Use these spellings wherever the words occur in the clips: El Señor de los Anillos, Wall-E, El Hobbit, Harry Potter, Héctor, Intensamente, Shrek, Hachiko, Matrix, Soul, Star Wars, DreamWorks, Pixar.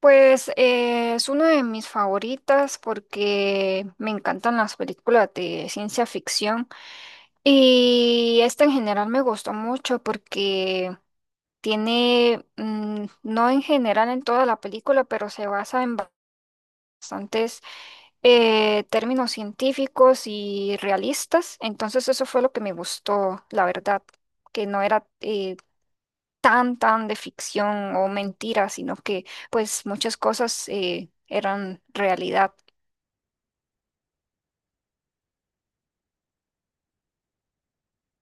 Pues es una de mis favoritas porque me encantan las películas de ciencia ficción y esta en general me gustó mucho porque tiene, no en general en toda la película, pero se basa en bastantes términos científicos y realistas. Entonces eso fue lo que me gustó, la verdad, que no era tan de ficción o mentira, sino que pues muchas cosas eran realidad.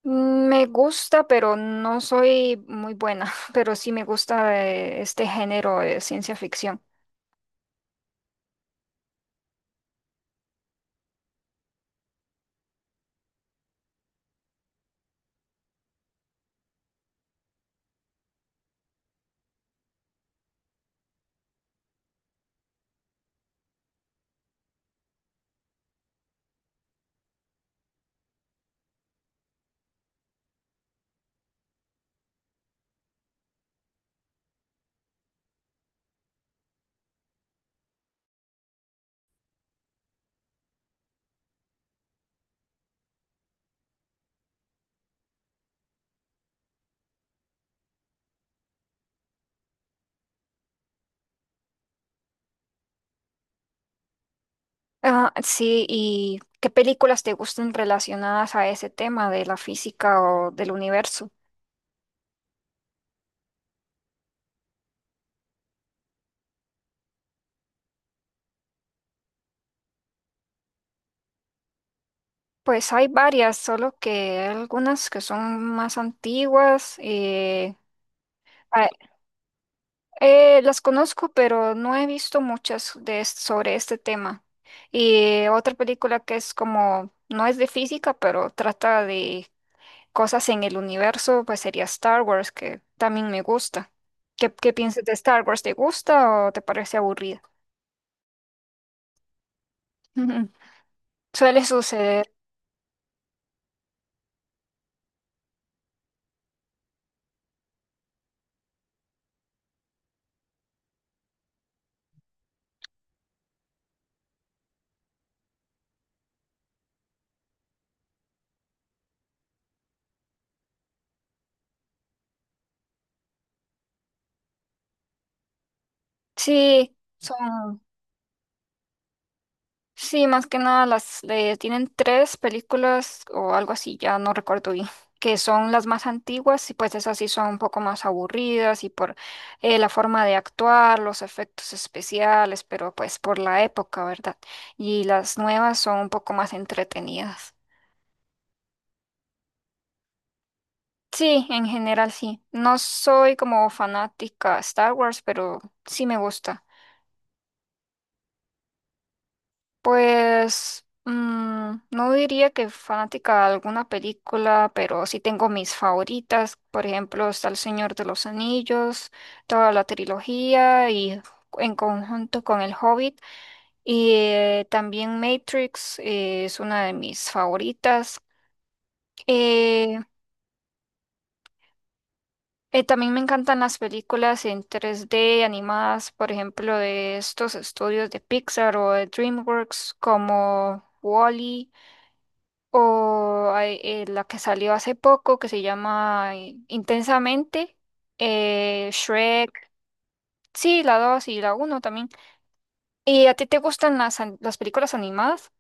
Me gusta, pero no soy muy buena, pero sí me gusta este género de ciencia ficción. Ah, sí, ¿y qué películas te gustan relacionadas a ese tema de la física o del universo? Pues hay varias, solo que hay algunas que son más antiguas. Las conozco, pero no he visto muchas sobre este tema. Y otra película que es como, no es de física, pero trata de cosas en el universo, pues sería Star Wars, que también me gusta. ¿Qué piensas de Star Wars? ¿Te gusta o te parece aburrida? Suele suceder. Sí, son. Sí, más que nada las tienen tres películas o algo así, ya no recuerdo bien, que son las más antiguas y pues esas sí son un poco más aburridas y por la forma de actuar, los efectos especiales, pero pues por la época, ¿verdad? Y las nuevas son un poco más entretenidas. Sí, en general sí. No soy como fanática de Star Wars, pero sí me gusta. Pues no diría que fanática de alguna película, pero sí tengo mis favoritas. Por ejemplo, está El Señor de los Anillos, toda la trilogía y en conjunto con El Hobbit. Y también Matrix es una de mis favoritas. Eh, también me encantan las películas en tres d animadas, por ejemplo, de estos estudios de Pixar o de DreamWorks como Wall-E. O hay, la que salió hace poco, que se llama Intensamente, Shrek, sí, la 2 y la uno también. ¿Y a ti te gustan las, las películas animadas?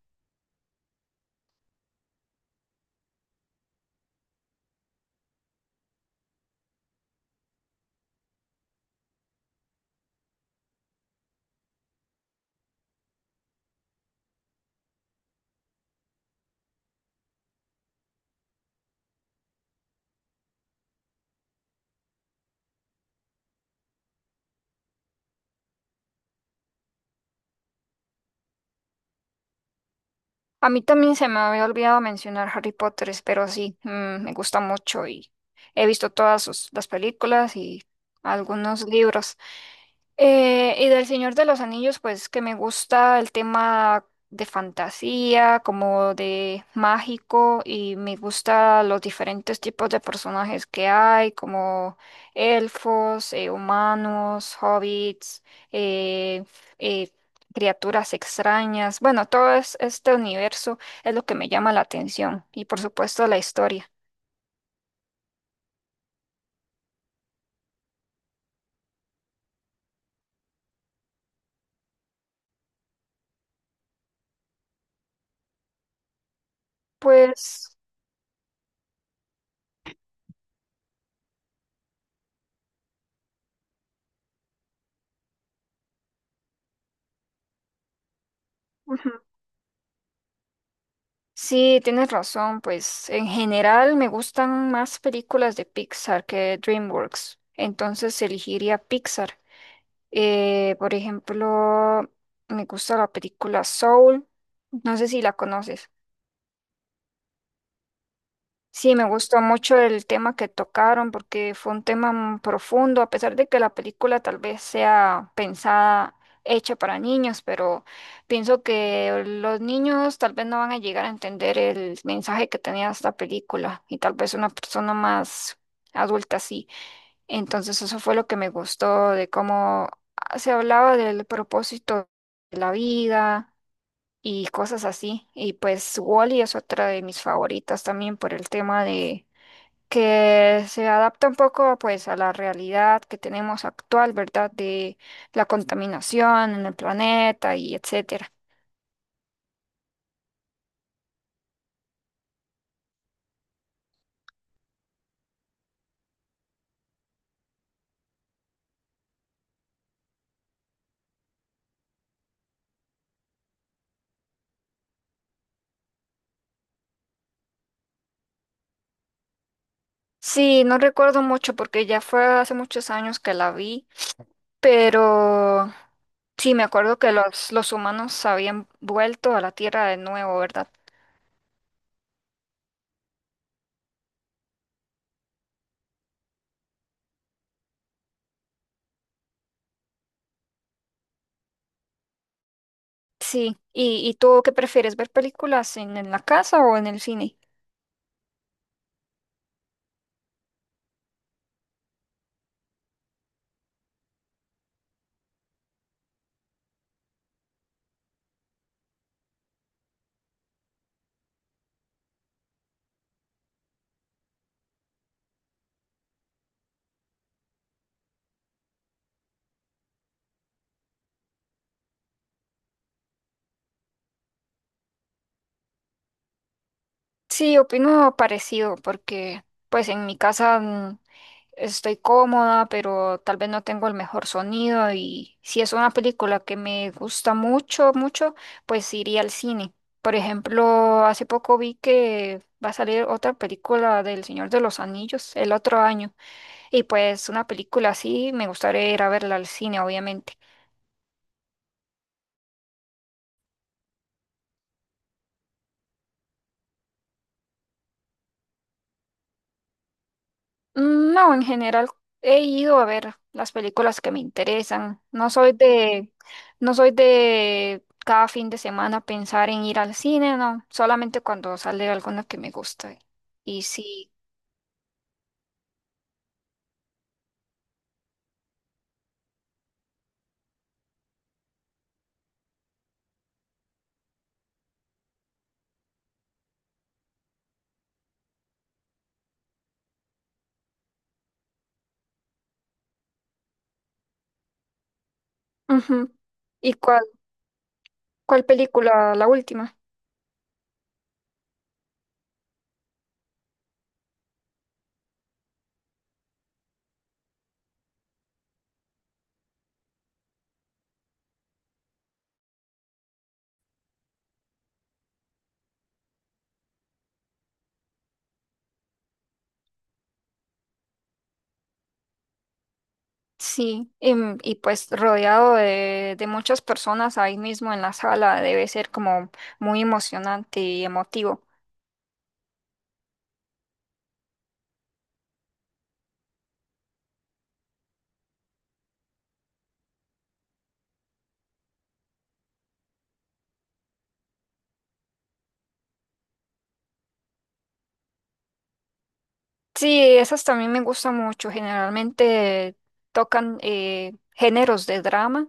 A mí también se me había olvidado mencionar Harry Potter, pero sí, me gusta mucho y he visto todas las películas y algunos libros. Y del Señor de los Anillos, pues que me gusta el tema de fantasía, como de mágico, y me gusta los diferentes tipos de personajes que hay, como elfos, humanos, hobbits, eh, eh, criaturas extrañas. Bueno, este universo es lo que me llama la atención, y por supuesto la historia. Pues... Sí, tienes razón, pues en general me gustan más películas de Pixar que DreamWorks, entonces elegiría Pixar. Por ejemplo, me gusta la película Soul, no sé si la conoces. Sí, me gustó mucho el tema que tocaron porque fue un tema profundo, a pesar de que la película tal vez sea pensada, hecha para niños, pero pienso que los niños tal vez no van a llegar a entender el mensaje que tenía esta película y tal vez una persona más adulta sí. Entonces eso fue lo que me gustó de cómo se hablaba del propósito de la vida y cosas así. Y pues Wall-E es otra de mis favoritas también por el tema de que se adapta un poco pues a la realidad que tenemos actual, ¿verdad? De la contaminación en el planeta y etcétera. Sí, no recuerdo mucho porque ya fue hace muchos años que la vi, pero sí me acuerdo que los humanos habían vuelto a la Tierra de nuevo, ¿verdad? Sí. Y tú qué prefieres ver películas en la casa o en el cine? Sí, opino parecido porque pues en mi casa estoy cómoda, pero tal vez no tengo el mejor sonido y si es una película que me gusta mucho, mucho, pues iría al cine. Por ejemplo, hace poco vi que va a salir otra película del Señor de los Anillos el otro año y pues una película así me gustaría ir a verla al cine, obviamente. Mm, no, en general he ido a ver las películas que me interesan. No soy de, no soy de cada fin de semana pensar en ir al cine, no. Solamente cuando sale alguna que me gusta. Y sí. Ujú. ¿Y cuál película? La última. Sí. Y, pues rodeado de muchas personas ahí mismo en la sala debe ser como muy emocionante y emotivo. Sí, esas también me gustan mucho. Generalmente tocan géneros de drama.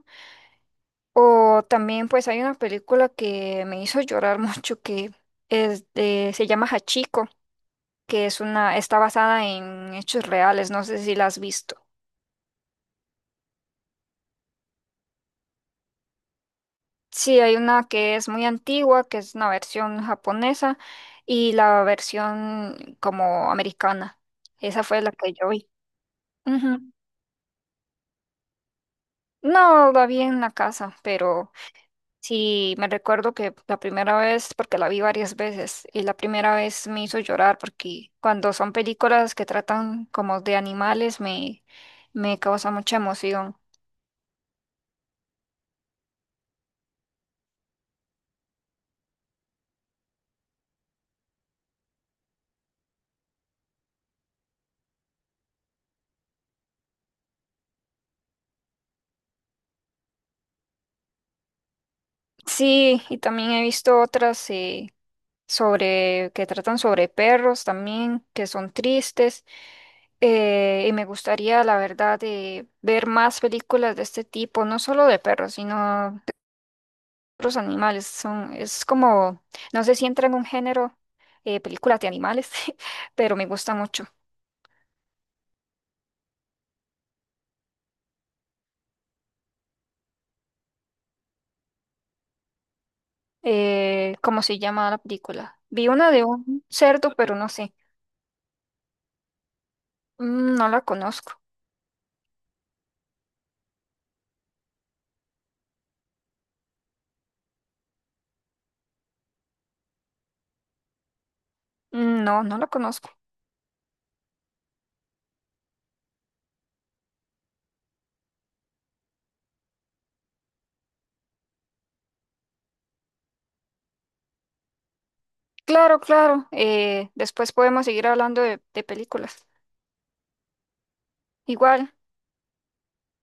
O también pues hay una película que me hizo llorar mucho que se llama Hachiko, que es una, está basada en hechos reales. No sé si la has visto. Sí, hay una que es muy antigua, que es una versión japonesa y la versión como americana. Esa fue la que yo vi. Ujú. No, la vi en la casa, pero... Sí, me recuerdo que la primera vez, porque la vi varias veces, y la primera vez me hizo llorar porque cuando son películas que tratan como de animales me, me causa mucha emoción. Sí, y también he visto otras sobre que tratan sobre perros también, que son tristes, y me gustaría, la verdad, de ver más películas de este tipo, no solo de perros, sino otros animales. Son, es como, no sé si entra en un género, películas de animales, pero me gusta mucho. ¿Cómo se llama la película? Vi una de un cerdo, pero no sé. Mm, no la conozco. Mm, no, no la conozco. Claro, claro. Después podemos seguir hablando de películas. Igual.